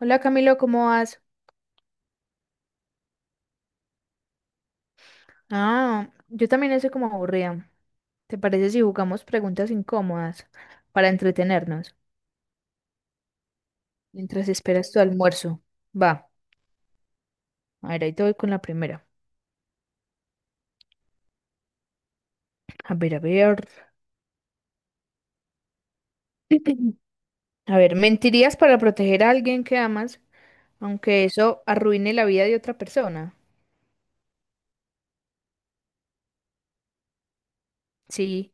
Hola Camilo, ¿cómo vas? Ah, yo también estoy como aburrida. ¿Te parece si jugamos preguntas incómodas para entretenernos mientras esperas tu almuerzo? Va, a ver, ahí te voy con la primera. A ver, a ver. A ver, ¿mentirías para proteger a alguien que amas, aunque eso arruine la vida de otra persona? Sí.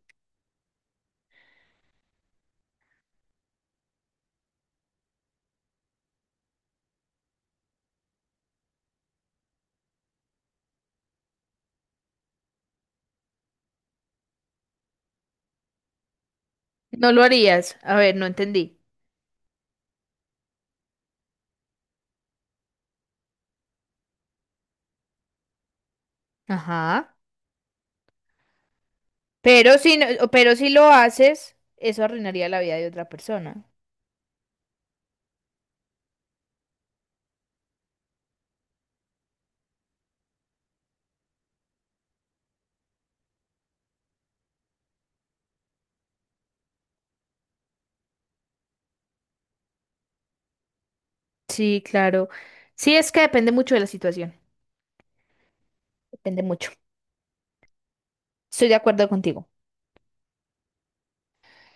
No lo harías. A ver, no entendí. Ajá. Pero si lo haces, eso arruinaría la vida de otra persona. Sí, claro. Sí, es que depende mucho de la situación. Depende mucho. Estoy de acuerdo contigo.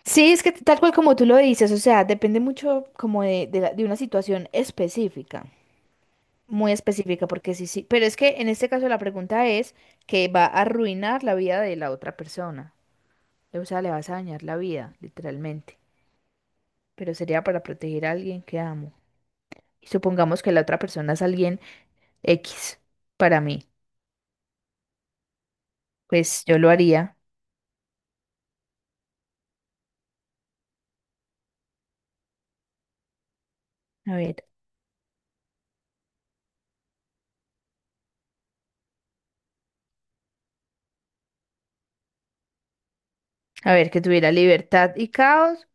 Sí, es que tal cual como tú lo dices, o sea, depende mucho como de una situación específica, muy específica, porque sí, sí, pero es que en este caso la pregunta es que va a arruinar la vida de la otra persona, o sea, le vas a dañar la vida, literalmente, pero sería para proteger a alguien que amo. Y supongamos que la otra persona es alguien X para mí, pues yo lo haría. A ver. A ver, que tuviera libertad y caos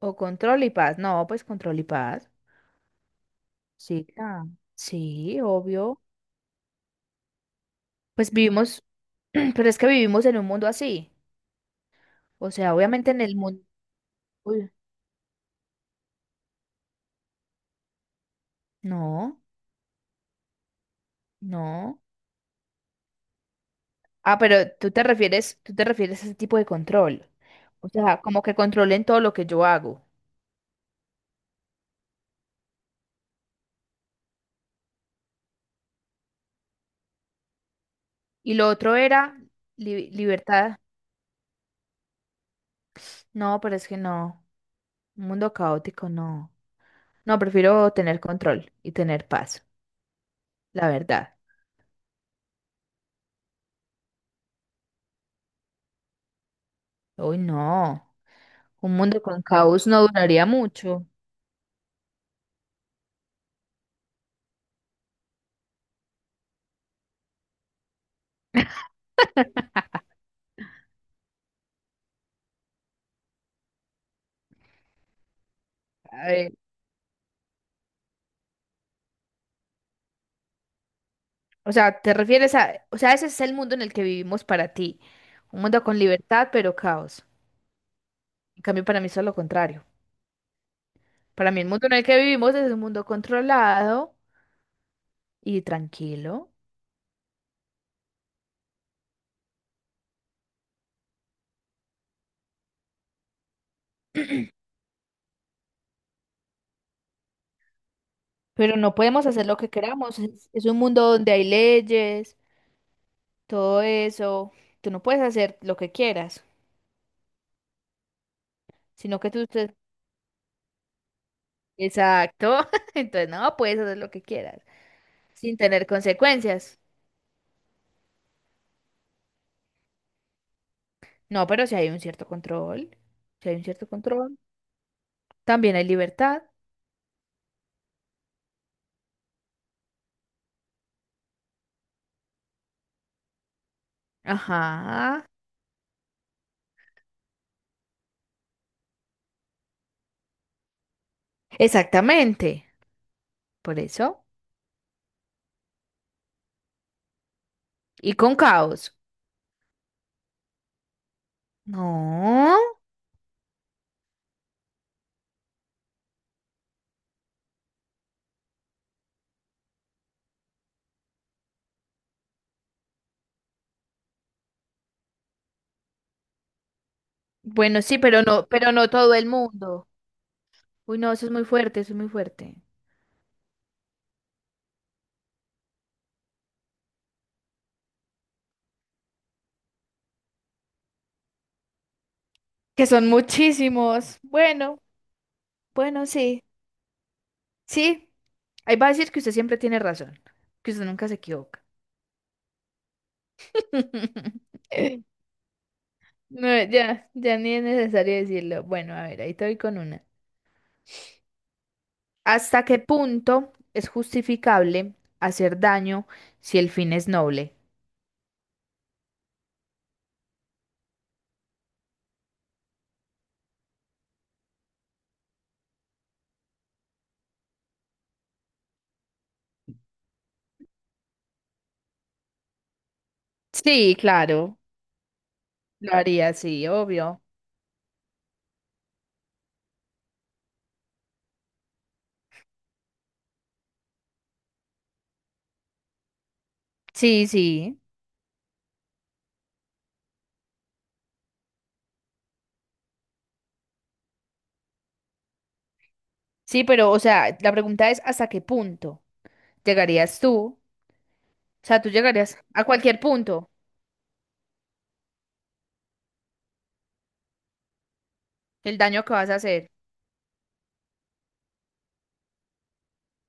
o control y paz. No, pues control y paz. Sí, ah, sí, obvio. Pues vivimos, pero es que vivimos en un mundo así. O sea, obviamente en el mundo. No, no. Ah, pero tú te refieres a ese tipo de control. O sea, como que controlen todo lo que yo hago. Y lo otro era libertad. No, pero es que no. Un mundo caótico, no. No, prefiero tener control y tener paz, la verdad. Uy, no. Un mundo con caos no duraría mucho. A ver, o sea, te refieres a, o sea, ese es el mundo en el que vivimos para ti. Un mundo con libertad, pero caos. En cambio, para mí es lo contrario. Para mí el mundo en el que vivimos es un mundo controlado y tranquilo, pero no podemos hacer lo que queramos. Es un mundo donde hay leyes, todo eso. Tú no puedes hacer lo que quieras, sino que tú... te- Exacto. Entonces, no, puedes hacer lo que quieras sin tener consecuencias. No, pero si hay un cierto control, si hay un cierto control, también hay libertad. Ajá, exactamente, por eso. Y con caos. No. Bueno, sí, pero no todo el mundo. Uy, no, eso es muy fuerte, eso es muy fuerte. Que son muchísimos. Bueno, bueno, sí. Sí, ahí va a decir que usted siempre tiene razón, que usted nunca se equivoca. No, ya, ya ni es necesario decirlo. Bueno, a ver, ahí estoy con una. ¿Hasta qué punto es justificable hacer daño si el fin es noble? Sí, claro. Lo haría sí, obvio. Sí, sí. Sí, pero, o sea, la pregunta es, ¿hasta qué punto llegarías tú? O sea, tú llegarías a cualquier punto, el daño que vas a hacer.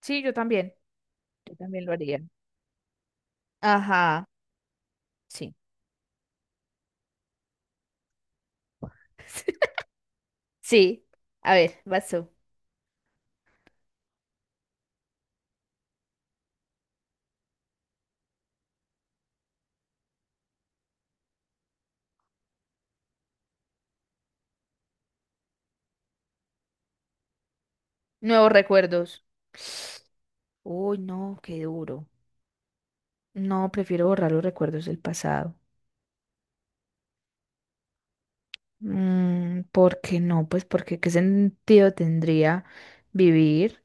Sí, yo también. Yo también lo haría. Ajá. Sí. Sí. A ver, vas tú. Nuevos recuerdos. Uy, no, qué duro. No, prefiero borrar los recuerdos del pasado. Mm, ¿por qué no? Pues porque qué sentido tendría vivir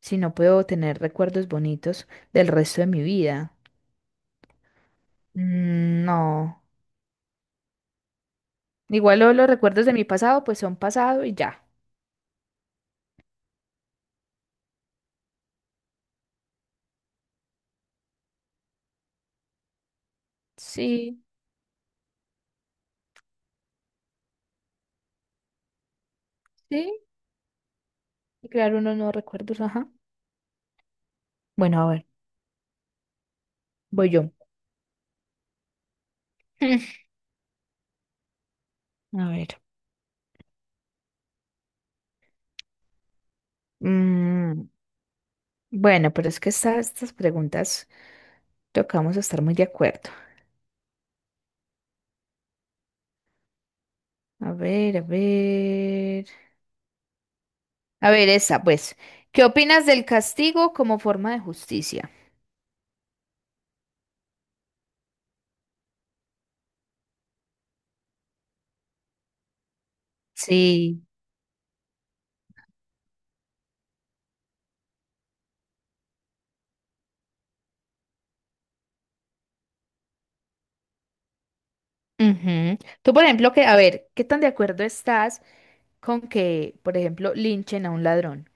si no puedo tener recuerdos bonitos del resto de mi vida. Mm, no. Igual los recuerdos de mi pasado pues son pasado y ya. Sí, sí. Y crear unos nuevos recuerdos, ajá. Bueno, a ver, voy yo. A ver. Mm, bueno, pero es que estas preguntas tocamos estar muy de acuerdo. A ver, a ver. A ver, esa, pues, ¿qué opinas del castigo como forma de justicia? Sí. Ujú. Tú, por ejemplo, que, a ver, ¿qué tan de acuerdo estás con que, por ejemplo, linchen a un ladrón?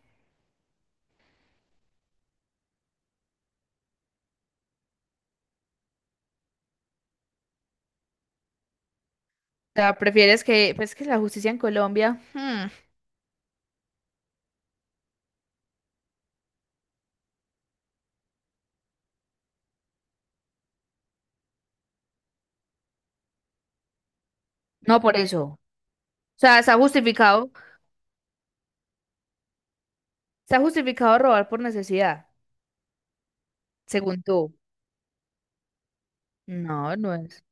O sea, prefieres que, pues, que la justicia en Colombia, hmm, no por eso. O sea, está justificado robar por necesidad, según tú. No, no es.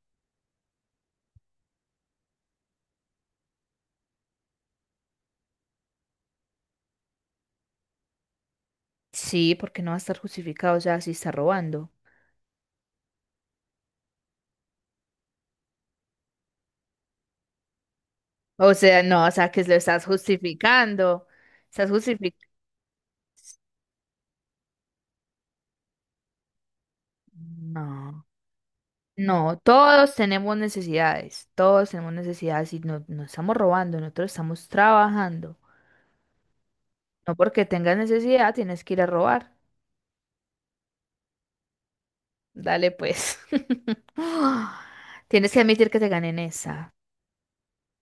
Sí, porque no va a estar justificado, o sea, si está robando. O sea, no, o sea, que lo estás justificando. Estás justificando. No. No, todos tenemos necesidades y no, no estamos robando, nosotros estamos trabajando. No porque tengas necesidad tienes que ir a robar. Dale pues. Tienes que admitir que te gané en esa.